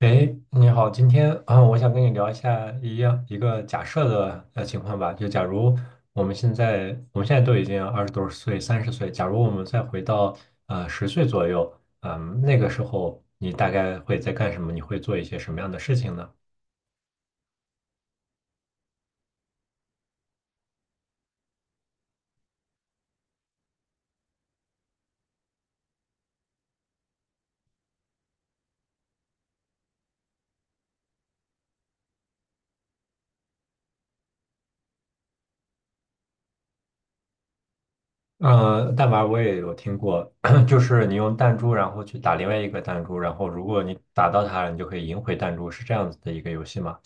哎，你好，今天啊，我想跟你聊一下一样一个假设的情况吧，就假如我们现在都已经二十多岁、三十岁，假如我们再回到十岁左右，嗯、那个时候你大概会在干什么？你会做一些什么样的事情呢？嗯，弹丸我也有听过，就是你用弹珠然后去打另外一个弹珠，然后如果你打到它了，你就可以赢回弹珠，是这样子的一个游戏吗？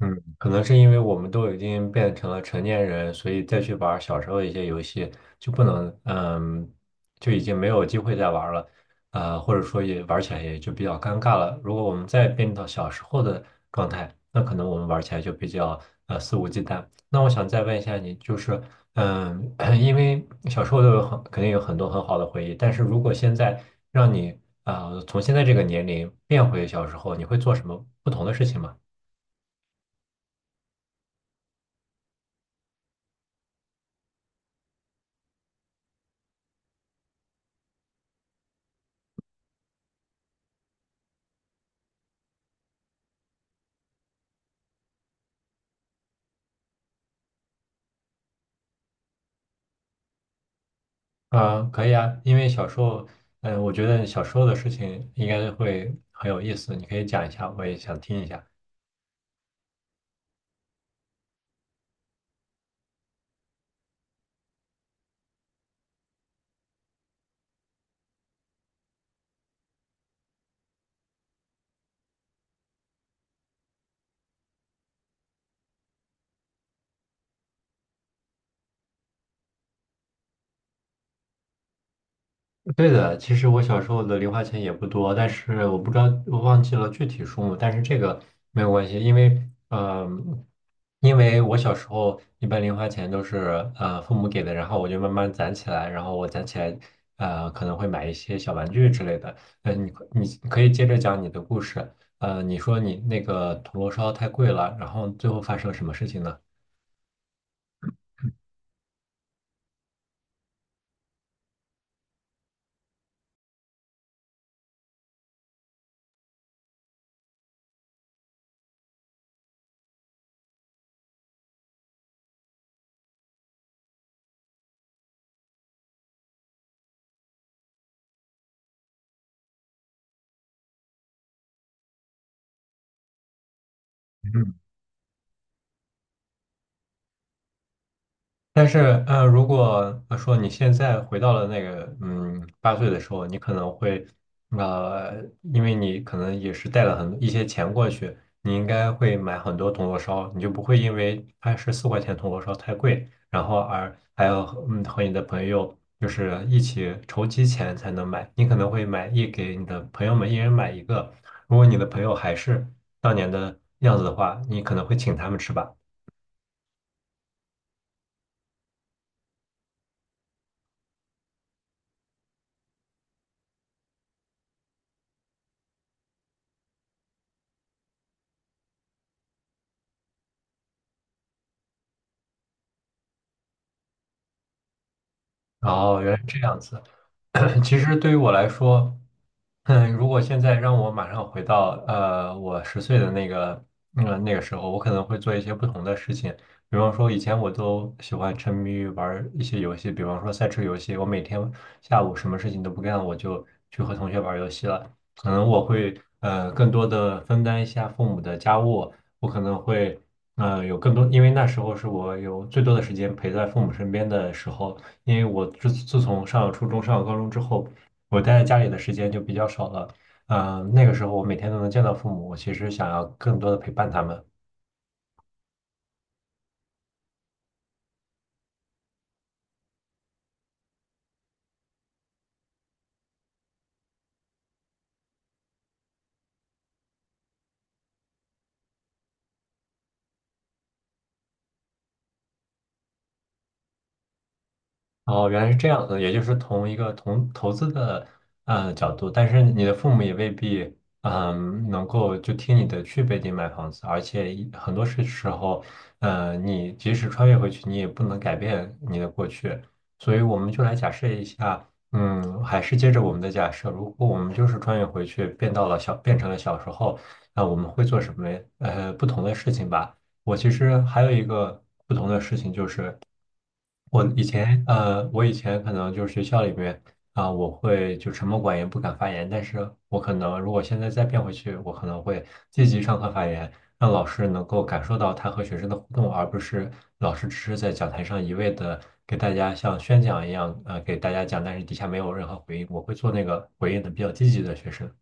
嗯，可能是因为我们都已经变成了成年人，所以再去玩儿小时候一些游戏就不能，嗯，就已经没有机会再玩儿了，或者说也玩起来也就比较尴尬了。如果我们再变到小时候的状态，那可能我们玩起来就比较肆无忌惮。那我想再问一下你，就是，嗯，因为小时候都有很肯定有很多很好的回忆，但是如果现在让你啊，从现在这个年龄变回小时候，你会做什么不同的事情吗？嗯，可以啊，因为小时候，嗯、我觉得小时候的事情应该会很有意思，你可以讲一下，我也想听一下。对的，其实我小时候的零花钱也不多，但是我不知道，我忘记了具体数目，但是这个没有关系，因为，嗯，因为我小时候一般零花钱都是父母给的，然后我就慢慢攒起来，然后我攒起来，可能会买一些小玩具之类的。嗯，你可以接着讲你的故事，你说你那个铜锣烧太贵了，然后最后发生了什么事情呢？但是，如果说你现在回到了那个，嗯，八岁的时候，你可能会，呃，因为你可能也是带了很一些钱过去，你应该会买很多铜锣烧，你就不会因为它是四块钱铜锣烧太贵，然后而还要和和你的朋友就是一起筹集钱才能买，你可能会给你的朋友们一人买一个，如果你的朋友还是当年的样子的话，你可能会请他们吃吧。哦，原来这样子。其实对于我来说，嗯，如果现在让我马上回到我十岁的那个那个时候，我可能会做一些不同的事情。比方说，以前我都喜欢沉迷于玩儿一些游戏，比方说赛车游戏，我每天下午什么事情都不干，我就去和同学玩儿游戏了。可能我会更多的分担一下父母的家务，我可能会有更多，因为那时候是我有最多的时间陪在父母身边的时候。因为我自从上了初中、上了高中之后，我待在家里的时间就比较少了。嗯、那个时候我每天都能见到父母，我其实想要更多的陪伴他们。哦，原来是这样的，也就是从一个同投资的角度，但是你的父母也未必能够就听你的去北京买房子，而且一很多时候，你即使穿越回去，你也不能改变你的过去，所以我们就来假设一下，嗯，还是接着我们的假设，如果我们就是穿越回去，变到了小，变成了小时候，那我们会做什么不同的事情吧？我其实还有一个不同的事情就是。我以前我以前可能就是学校里面啊、我会就沉默寡言，不敢发言。但是我可能如果现在再变回去，我可能会积极上课发言，让老师能够感受到他和学生的互动，而不是老师只是在讲台上一味的给大家像宣讲一样，给大家讲，但是底下没有任何回应。我会做那个回应的比较积极的学生。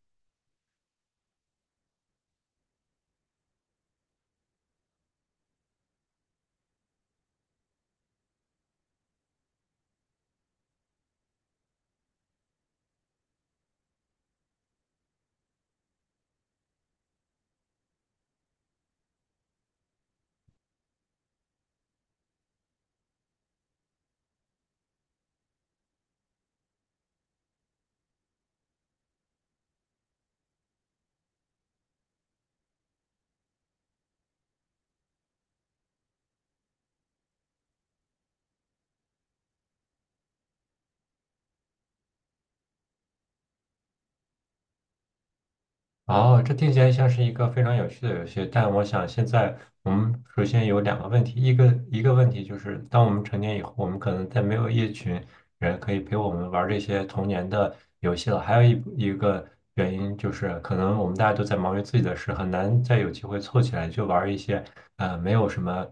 哦，这听起来像是一个非常有趣的游戏，但我想现在我们首先有两个问题，一个问题就是，当我们成年以后，我们可能再没有一群人可以陪我们玩这些童年的游戏了。还有一个原因就是，可能我们大家都在忙于自己的事，很难再有机会凑起来就玩一些没有什么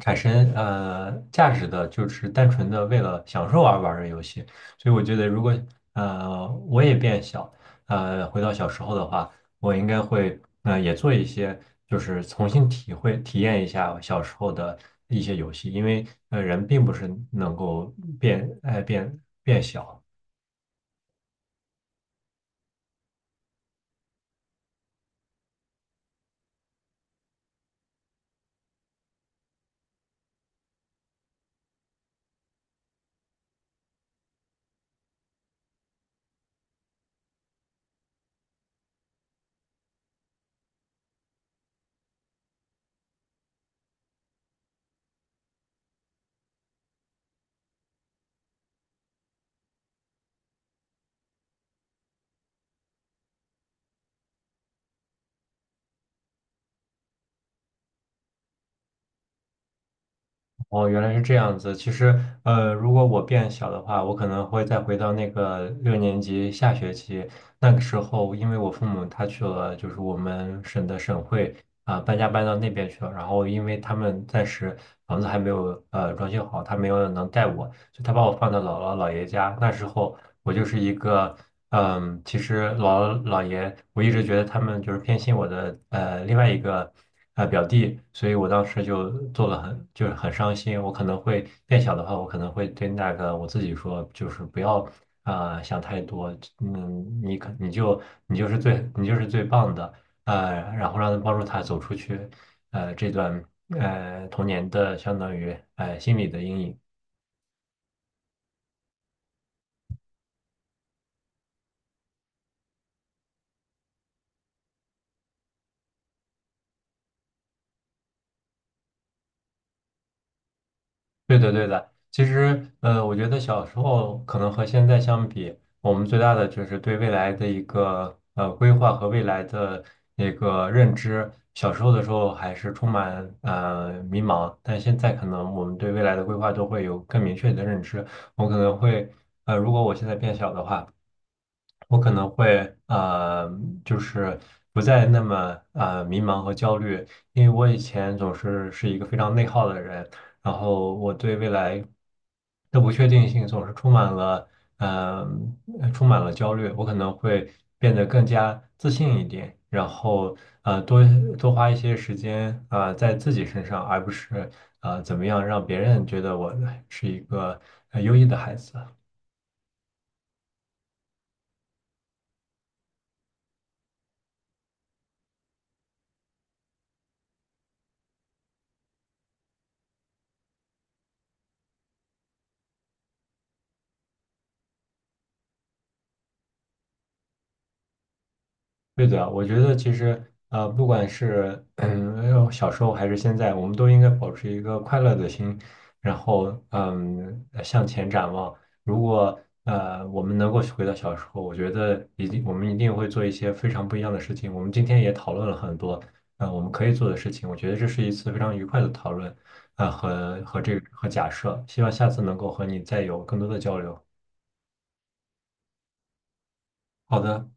产生价值的，就是单纯的为了享受而玩的游戏。所以我觉得，如果我也变小，回到小时候的话。我应该会也做一些，就是重新体会体验一下我小时候的一些游戏，因为人并不是能够变爱变变小，哦，原来是这样子。其实，如果我变小的话，我可能会再回到那个六年级下学期那个时候，因为我父母他去了，就是我们省的省会啊、搬家搬到那边去了。然后，因为他们暂时房子还没有装修好，他没有能带我，就他把我放到姥姥姥爷家。那时候，我就是一个，嗯，其实老姥姥爷，我一直觉得他们就是偏心我的，另外一个，表弟，所以我当时就做了很，就是很伤心。我可能会变小的话，我可能会对那个我自己说，就是不要，想太多，嗯，你就是最棒的，然后让他帮助他走出去，这段童年的相当于心理的阴影。对的，对的。其实，我觉得小时候可能和现在相比，我们最大的就是对未来的一个规划和未来的那个认知。小时候的时候还是充满迷茫，但现在可能我们对未来的规划都会有更明确的认知。我可能会，如果我现在变小的话。我可能会就是不再那么迷茫和焦虑，因为我以前总是一个非常内耗的人，然后我对未来的不确定性总是充满了呃充满了焦虑，我可能会变得更加自信一点，然后多多花一些时间啊、在自己身上，而不是怎么样让别人觉得我是一个优异的孩子。对的，我觉得其实不管是小时候还是现在，我们都应该保持一个快乐的心，然后向前展望。如果我们能够回到小时候，我觉得我们一定会做一些非常不一样的事情。我们今天也讨论了很多我们可以做的事情，我觉得这是一次非常愉快的讨论啊、和这个和假设，希望下次能够和你再有更多的交流。好的。